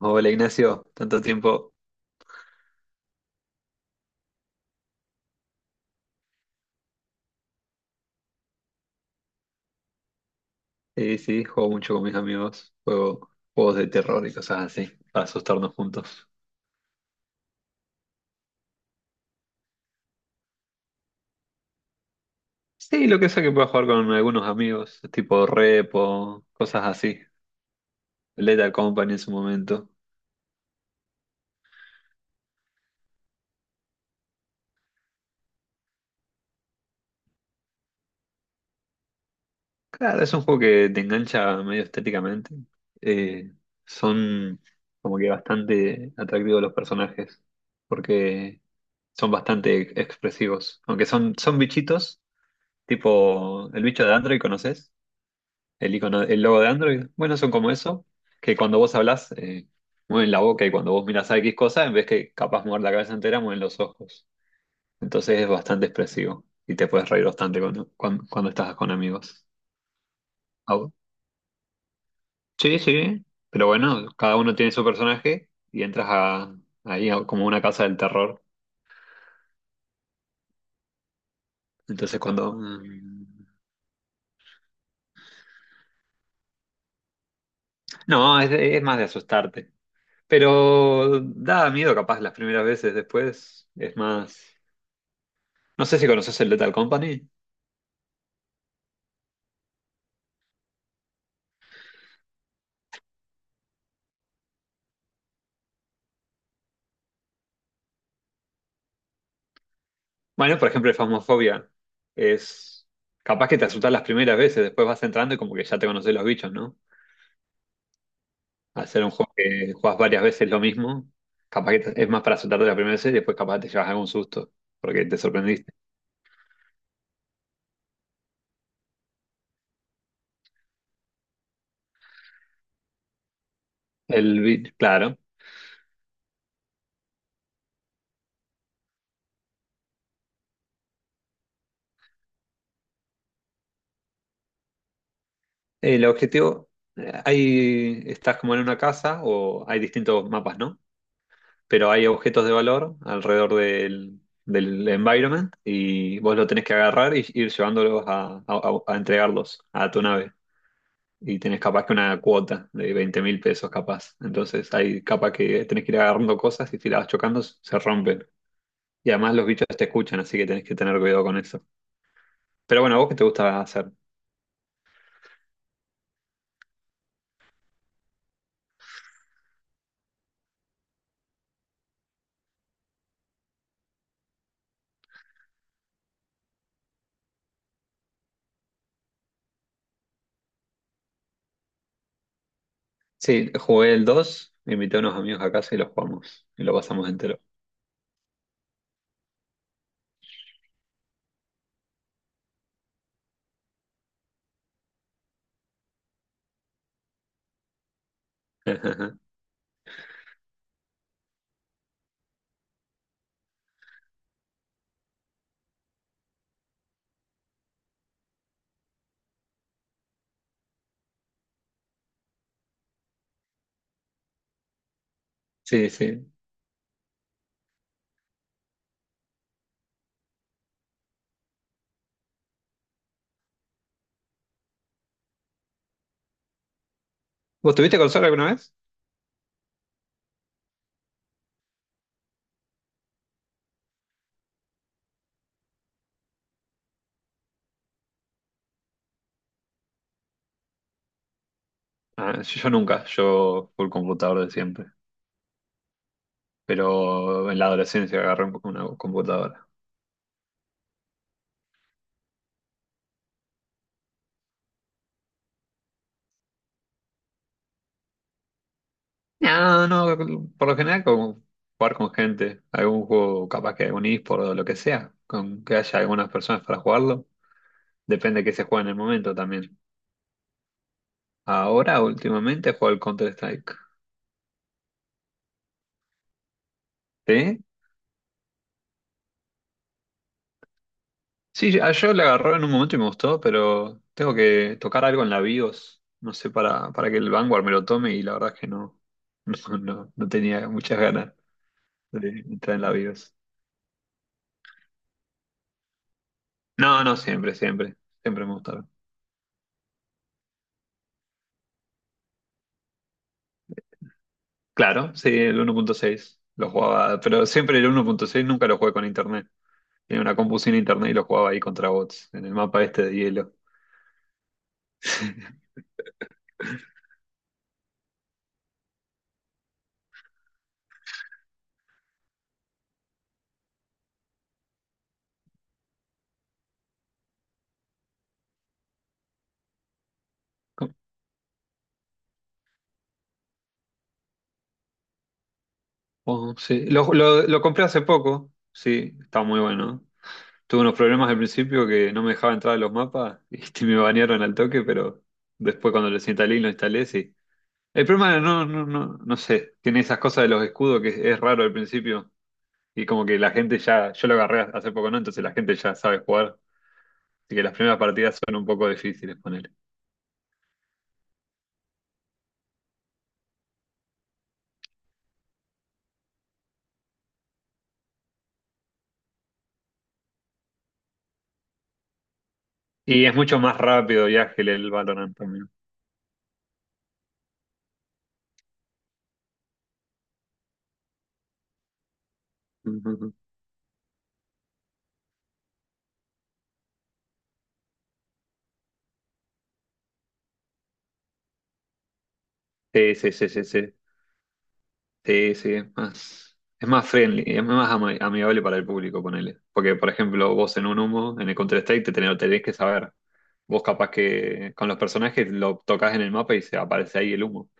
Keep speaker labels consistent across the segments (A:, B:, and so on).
A: Hola Ignacio, tanto tiempo. Sí, sí, juego mucho con mis amigos, juego juegos de terror y cosas así, para asustarnos juntos. Sí, lo que sea que pueda jugar con algunos amigos, tipo Repo, cosas así. Lethal Company en su momento. Claro, es un juego que te engancha medio estéticamente. Eh, Son como que bastante atractivos los personajes, porque son bastante expresivos. Aunque son bichitos, tipo el bicho de Android, ¿conoces? El icono, el logo de Android. Bueno, son como eso, que cuando vos hablas, mueven la boca y cuando vos miras a X cosa, en vez que capaz mover la cabeza entera, mueven los ojos. Entonces es bastante expresivo y te puedes reír bastante cuando estás con amigos. ¿A vos? Sí, sí, pero bueno, cada uno tiene su personaje y entras a, como una casa del terror. Entonces cuando... mm, No, es, es más de asustarte. Pero da miedo capaz las primeras veces, después es más. No sé si conoces el Lethal Company. Bueno, por ejemplo, el Phasmophobia es capaz que te asustas las primeras veces, después vas entrando y como que ya te conoces los bichos, ¿no? Hacer un juego que juegas varias veces lo mismo, capaz que es más para asustarte la primera vez y después capaz te llevas algún susto, porque te sorprendiste. Claro. El objetivo, estás como en una casa o hay distintos mapas, ¿no? Pero hay objetos de valor alrededor del environment y vos lo tenés que agarrar y ir llevándolos a entregarlos a tu nave. Y tenés capaz que una cuota de 20.000 pesos capaz. Entonces hay capaz que tenés que ir agarrando cosas y si las vas chocando se rompen. Y además los bichos te escuchan, así que tenés que tener cuidado con eso. Pero bueno, ¿a vos qué te gusta hacer? Sí, jugué el dos, invité a unos amigos a casa y los jugamos. Y lo pasamos entero. Sí, sí. ¿Vos tuviste consola alguna vez? Ah, yo nunca, yo el computador de siempre. Pero en la adolescencia agarré un poco una computadora. No, no, por lo general como jugar con gente, algún juego, capaz que algún eSport o lo que sea, con que haya algunas personas para jugarlo, depende de qué se juega en el momento también. Ahora, últimamente, juego al Counter-Strike. ¿Sí? Sí, a yo le agarró en un momento y me gustó, pero tengo que tocar algo en la BIOS, no sé, para que el Vanguard me lo tome y la verdad es que no, no tenía muchas ganas de entrar en la BIOS. No, no, siempre me gustó. Claro, sí, el 1.6 lo jugaba, pero siempre el 1.6 nunca lo jugué con internet. Tenía una compu sin internet y lo jugaba ahí contra bots, en el mapa este de hielo. Oh, sí. Lo compré hace poco, sí, está muy bueno. Tuve unos problemas al principio que no me dejaba entrar a los mapas y este, me banearon al toque, pero después cuando lo instalé y lo instalé, sí. El problema no, sé, tiene esas cosas de los escudos que es raro al principio y como que la gente ya, yo lo agarré hace poco, ¿no? Entonces la gente ya sabe jugar. Así que las primeras partidas son un poco difíciles poner. Y es mucho más rápido y ágil el Valorant también. Ujú. Sí, sí, sí, sí, sí. Sí, sí, es más friendly, amigable para el público, ponele. Porque, por ejemplo, vos en un humo, en el Counter-Strike, lo tenés que saber. Vos capaz que con los personajes lo tocas en el mapa y se aparece ahí el humo.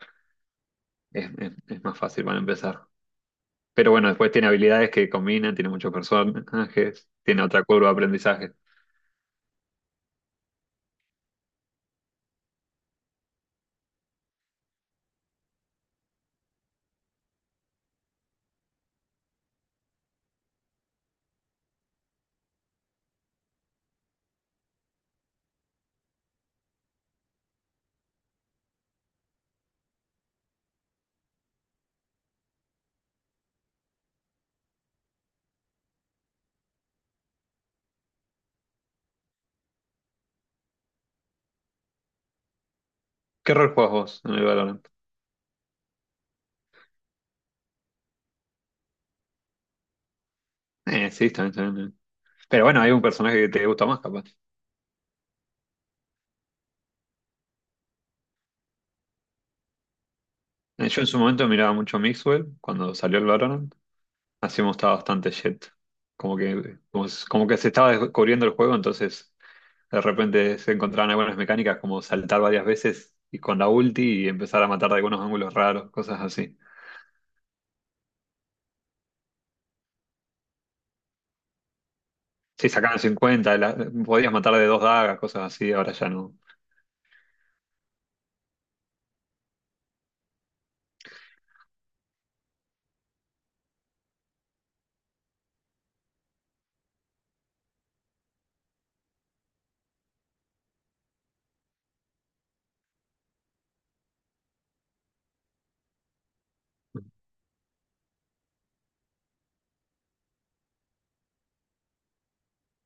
A: Es más fácil para empezar. Pero bueno, después tiene habilidades que combinan, tiene muchos personajes, tiene otra curva de aprendizaje. ¿Qué rol jugás vos en el Valorant? Sí, también, también. Pero bueno, hay un personaje que te gusta más, capaz. Yo en su momento miraba mucho Mixwell cuando salió el Valorant. Así me gustaba bastante Jett. Como que se estaba descubriendo el juego, entonces de repente se encontraban algunas mecánicas como saltar varias veces y con la ulti y empezar a matar de algunos ángulos raros, cosas así. Sí, sacaban 50, podías matar de dos dagas, cosas así, ahora ya no.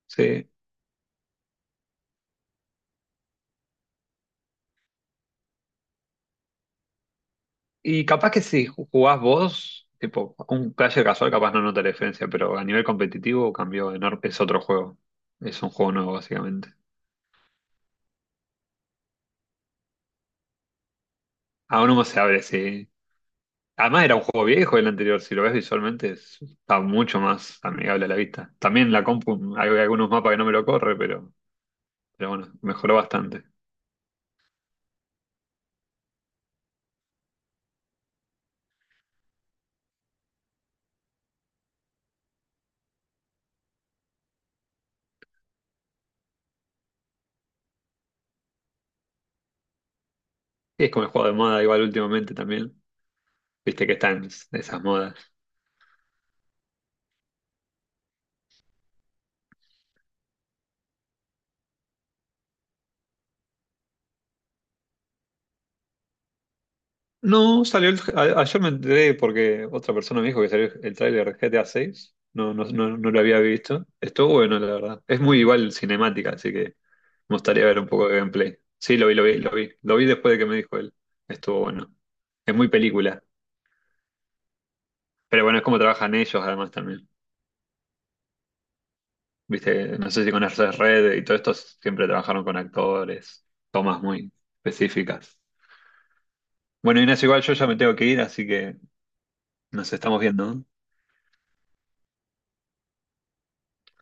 A: Sí. Y capaz que si jugás vos, tipo, un player casual capaz no nota la diferencia, pero a nivel competitivo cambió enorme, es otro juego. Es un juego nuevo, básicamente. Aún no se abre, sí. Además era un juego viejo el anterior, si lo ves visualmente está mucho más amigable a la vista. También la compu, hay algunos mapas que no me lo corre, pero, bueno, mejoró bastante. Y es como el juego de moda igual últimamente también. Viste que están esas modas. No, salió ayer me enteré porque otra persona me dijo que salió el tráiler de GTA 6. No lo había visto. Estuvo bueno, la verdad. Es muy igual cinemática, así que me gustaría ver un poco de gameplay. Sí, lo vi, lo vi, lo vi. Lo vi después de que me dijo él. Estuvo bueno. Es muy película. Pero bueno, es como trabajan ellos además también. Viste, no sé si conoces Red y todo esto, siempre trabajaron con actores, tomas muy específicas. Bueno, Inés, igual yo ya me tengo que ir, así que nos estamos viendo.